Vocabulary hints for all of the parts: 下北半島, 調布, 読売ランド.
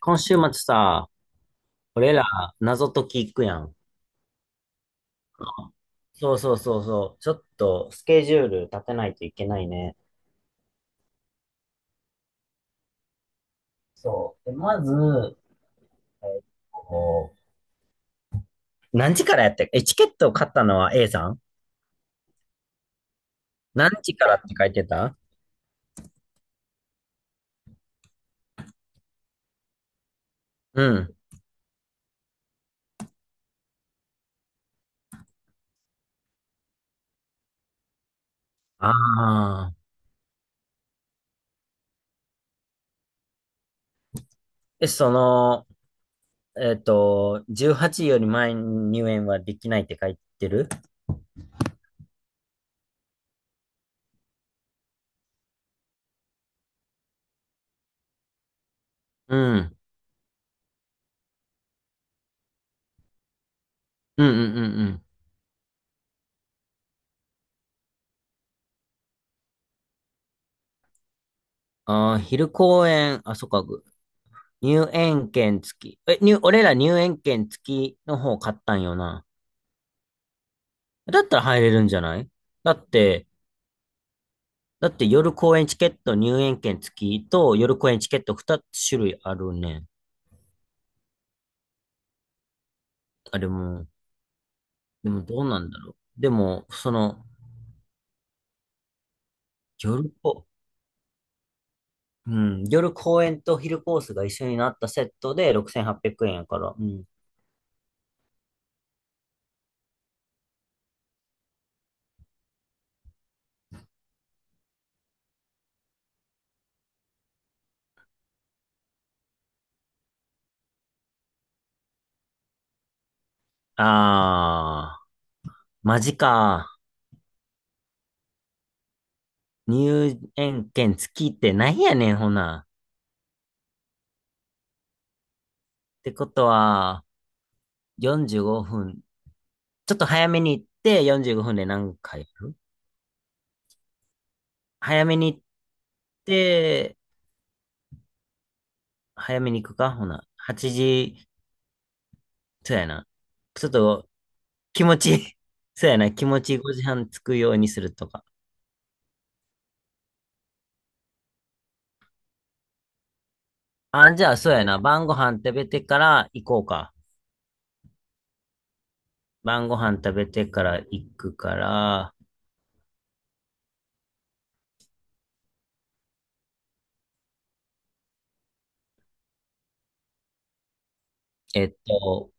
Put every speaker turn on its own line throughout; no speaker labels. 今週末さ、俺ら謎解き行くやん。そうそうそうそう。ちょっとスケジュール立てないといけないね。そう。で、まず、えっと、何時からやって、チケットを買ったのは A さん、何時からって書いてた？うん。ああ。え、その、えっと、18より前に入園はできないって書いてる？うん。うんうんうんうん。ああ、昼公演、あ、そっか。入園券付き。俺ら入園券付きの方買ったんよな。だったら入れるんじゃない？だって、だって夜公演チケット入園券付きと夜公演チケット2つ種類あるね。あれも、でもどうなんだろう。でも、夜こ、うん、夜公演と昼コースが一緒になったセットで6800円やから。うん。あー、マジか。入園券付きってなんやねん、ほな。ってことは、45分。ちょっと早めに行って45分で何回やる？早めに行って、早めに行くかほな。8時、そうやな。ちょっと気持ち、そうやな。気持ち5時半着くようにするとか。あ、じゃあそうやな。晩ご飯食べてから行こうか。晩ご飯食べてから行くから、えっと、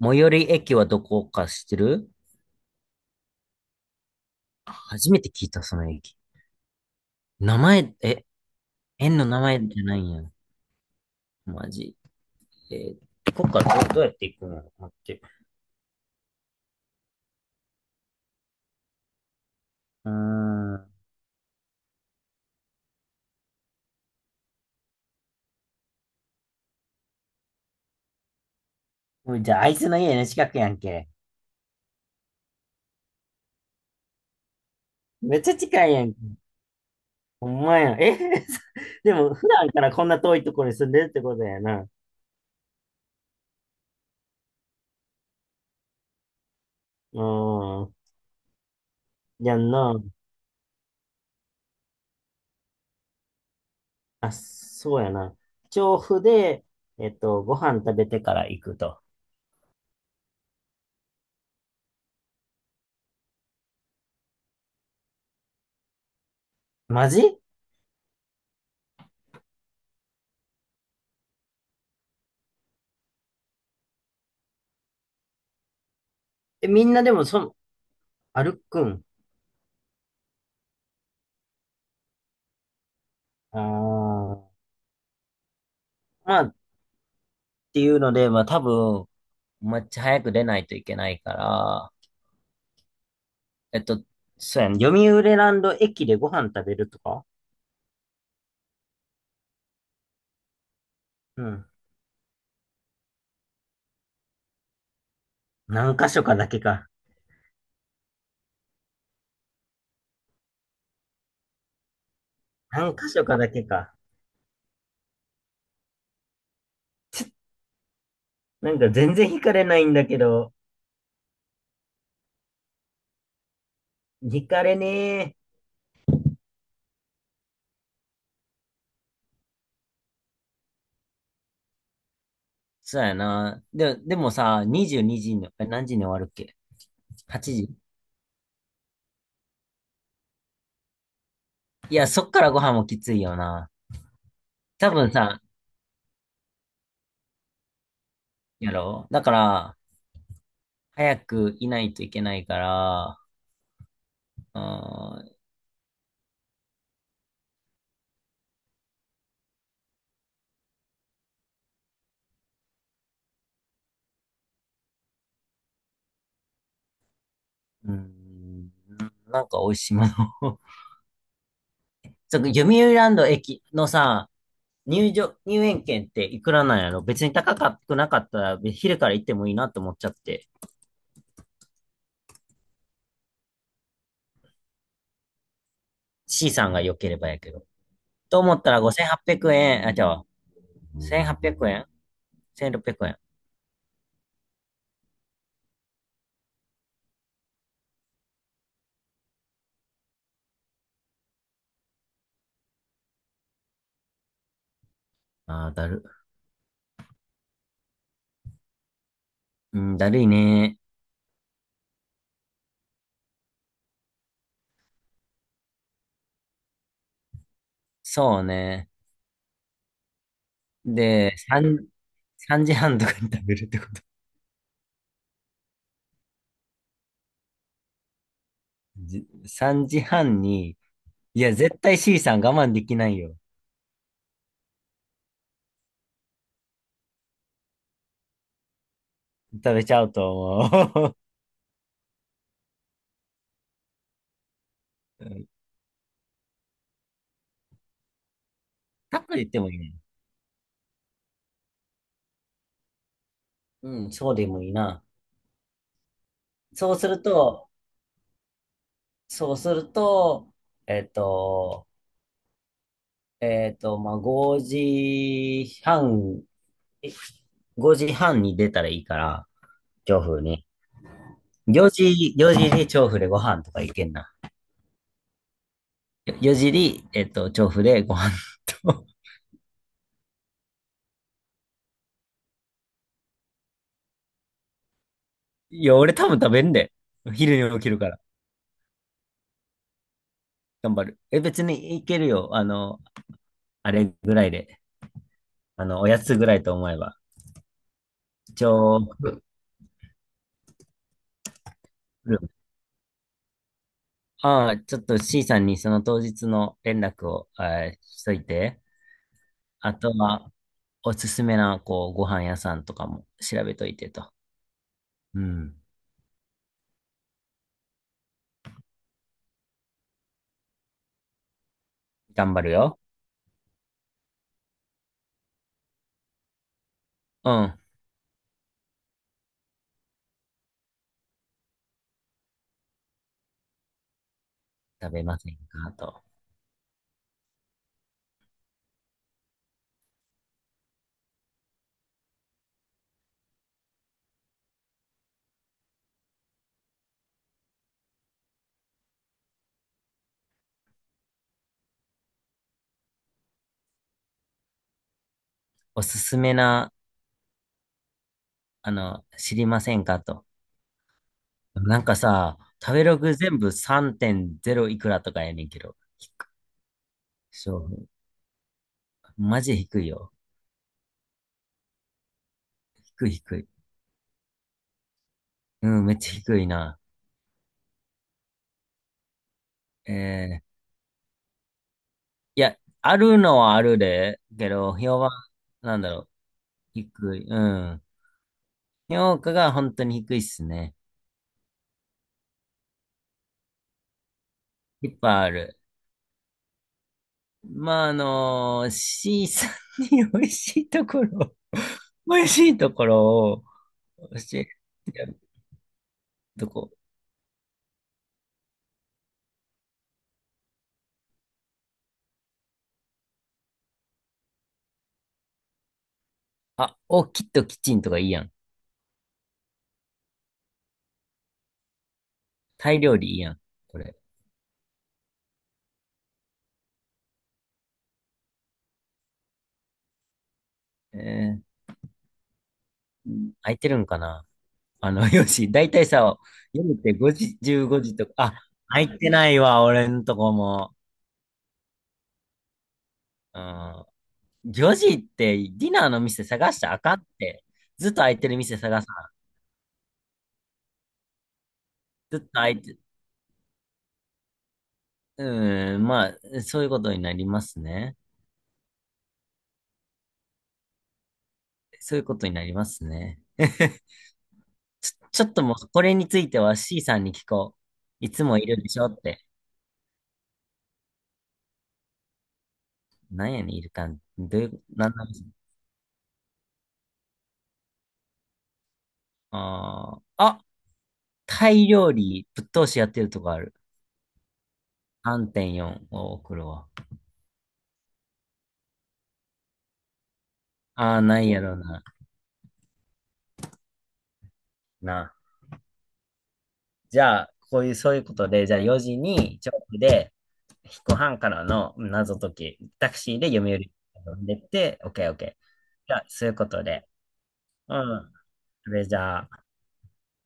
最寄り駅はどこか知ってる？初めて聞いた、その駅。名前、園の名前じゃないんや。マジ？えこっからうやって行くの？待って。うーん。もうじゃあ、あいつの家の近くやんけ。めっちゃ近いやんけ。ほんまやん。でも、普段からこんな遠いところに住んでるってことやな。うーん。やんな。あ、そうやな。調布で、ご飯食べてから行くと。マジ？みんなでも、歩くん？ああ。まあ、っていうので、まあ多分、めっちゃ早く出ないといけないから、えっと、そうやん、読売ランド駅でご飯食べるとか？うん。何箇所かだけか。何箇所かだけか。なんか全然惹かれないんだけど、惹かれねえ。そうやな。で、でもさ、22時にじに、え何時に終わるっけ？ 8 時？いや、そっからご飯もきついよな。多分さ、やろだから、早くいないといけないから、あーうーん、なんか美味しいものを。そう、読売ランド駅のさ、入園券っていくらなんやろ？別に高くなかったら、昼から行ってもいいなと思っちゃって。C さんが良ければやけど。と思ったら5800円、あ、じゃあ、1800円？ 1600 円。あー、だる。うん、だるいね。そうね。で、3時半とかに食べるってこと？じ3時半に、いや、絶対 C さん我慢できないよ。食べちゃうと思う。タップで言ってもいいね。うん、そうでもいいな。そうすると、そうすると、えっと、えっと、まあ、5時半、5時半に出たらいいから、調布に。4時、4時に調布でご飯とか行けんな。4時に、調布でご飯と。いや、俺多分食べんで。昼に起きるから。頑張る。別に行けるよ。あれぐらいで。おやつぐらいと思えば。調布。ああ、ちょっと C さんにその当日の連絡を、しといて。あとは、おすすめな、ご飯屋さんとかも調べといてと。うん。頑張るよ。うん。食べませんかと。おすすめな、知りませんかと。なんかさ、食べログ全部3.0いくらとかやねんけど。そう。マジ低いよ。低い低い。うん、めっちゃ低いな。えー、いや、あるのはあるで、けど、評判、なんだろう。低い。うん。評価が本当に低いっすね。いっぱいある。まあ、C さんに美味しいところ、美味しいところを教えてやるとこ。あ、きっとキッチンとかいいやん。タイ料理いいやん。これ。えー、空いてるんかな？よし、だいたいさ、夜って5時、15時とか、あ、空いてないわ、俺んとこも。うん。4時ってディナーの店探したらあかんって。ずっと空いてる店探さん？ずっと空いて、うん、まあ、そういうことになりますね。そういうことになりますね。ちょっともう、これについては C さんに聞こう。いつもいるでしょって。なんやねん、いるかん。どういう、なんなんですか？あーあ、タイ料理、ぶっ通しやってるとこある。3.4を送るわ。ああ、ないやろな。な。じゃあ、こういう、そういうことで、じゃあ4時に、チョークで、彦半からの謎解き、タクシーで読売読んでって、オッケーオッケー。じゃあ、そういうことで。うん。それじゃあ。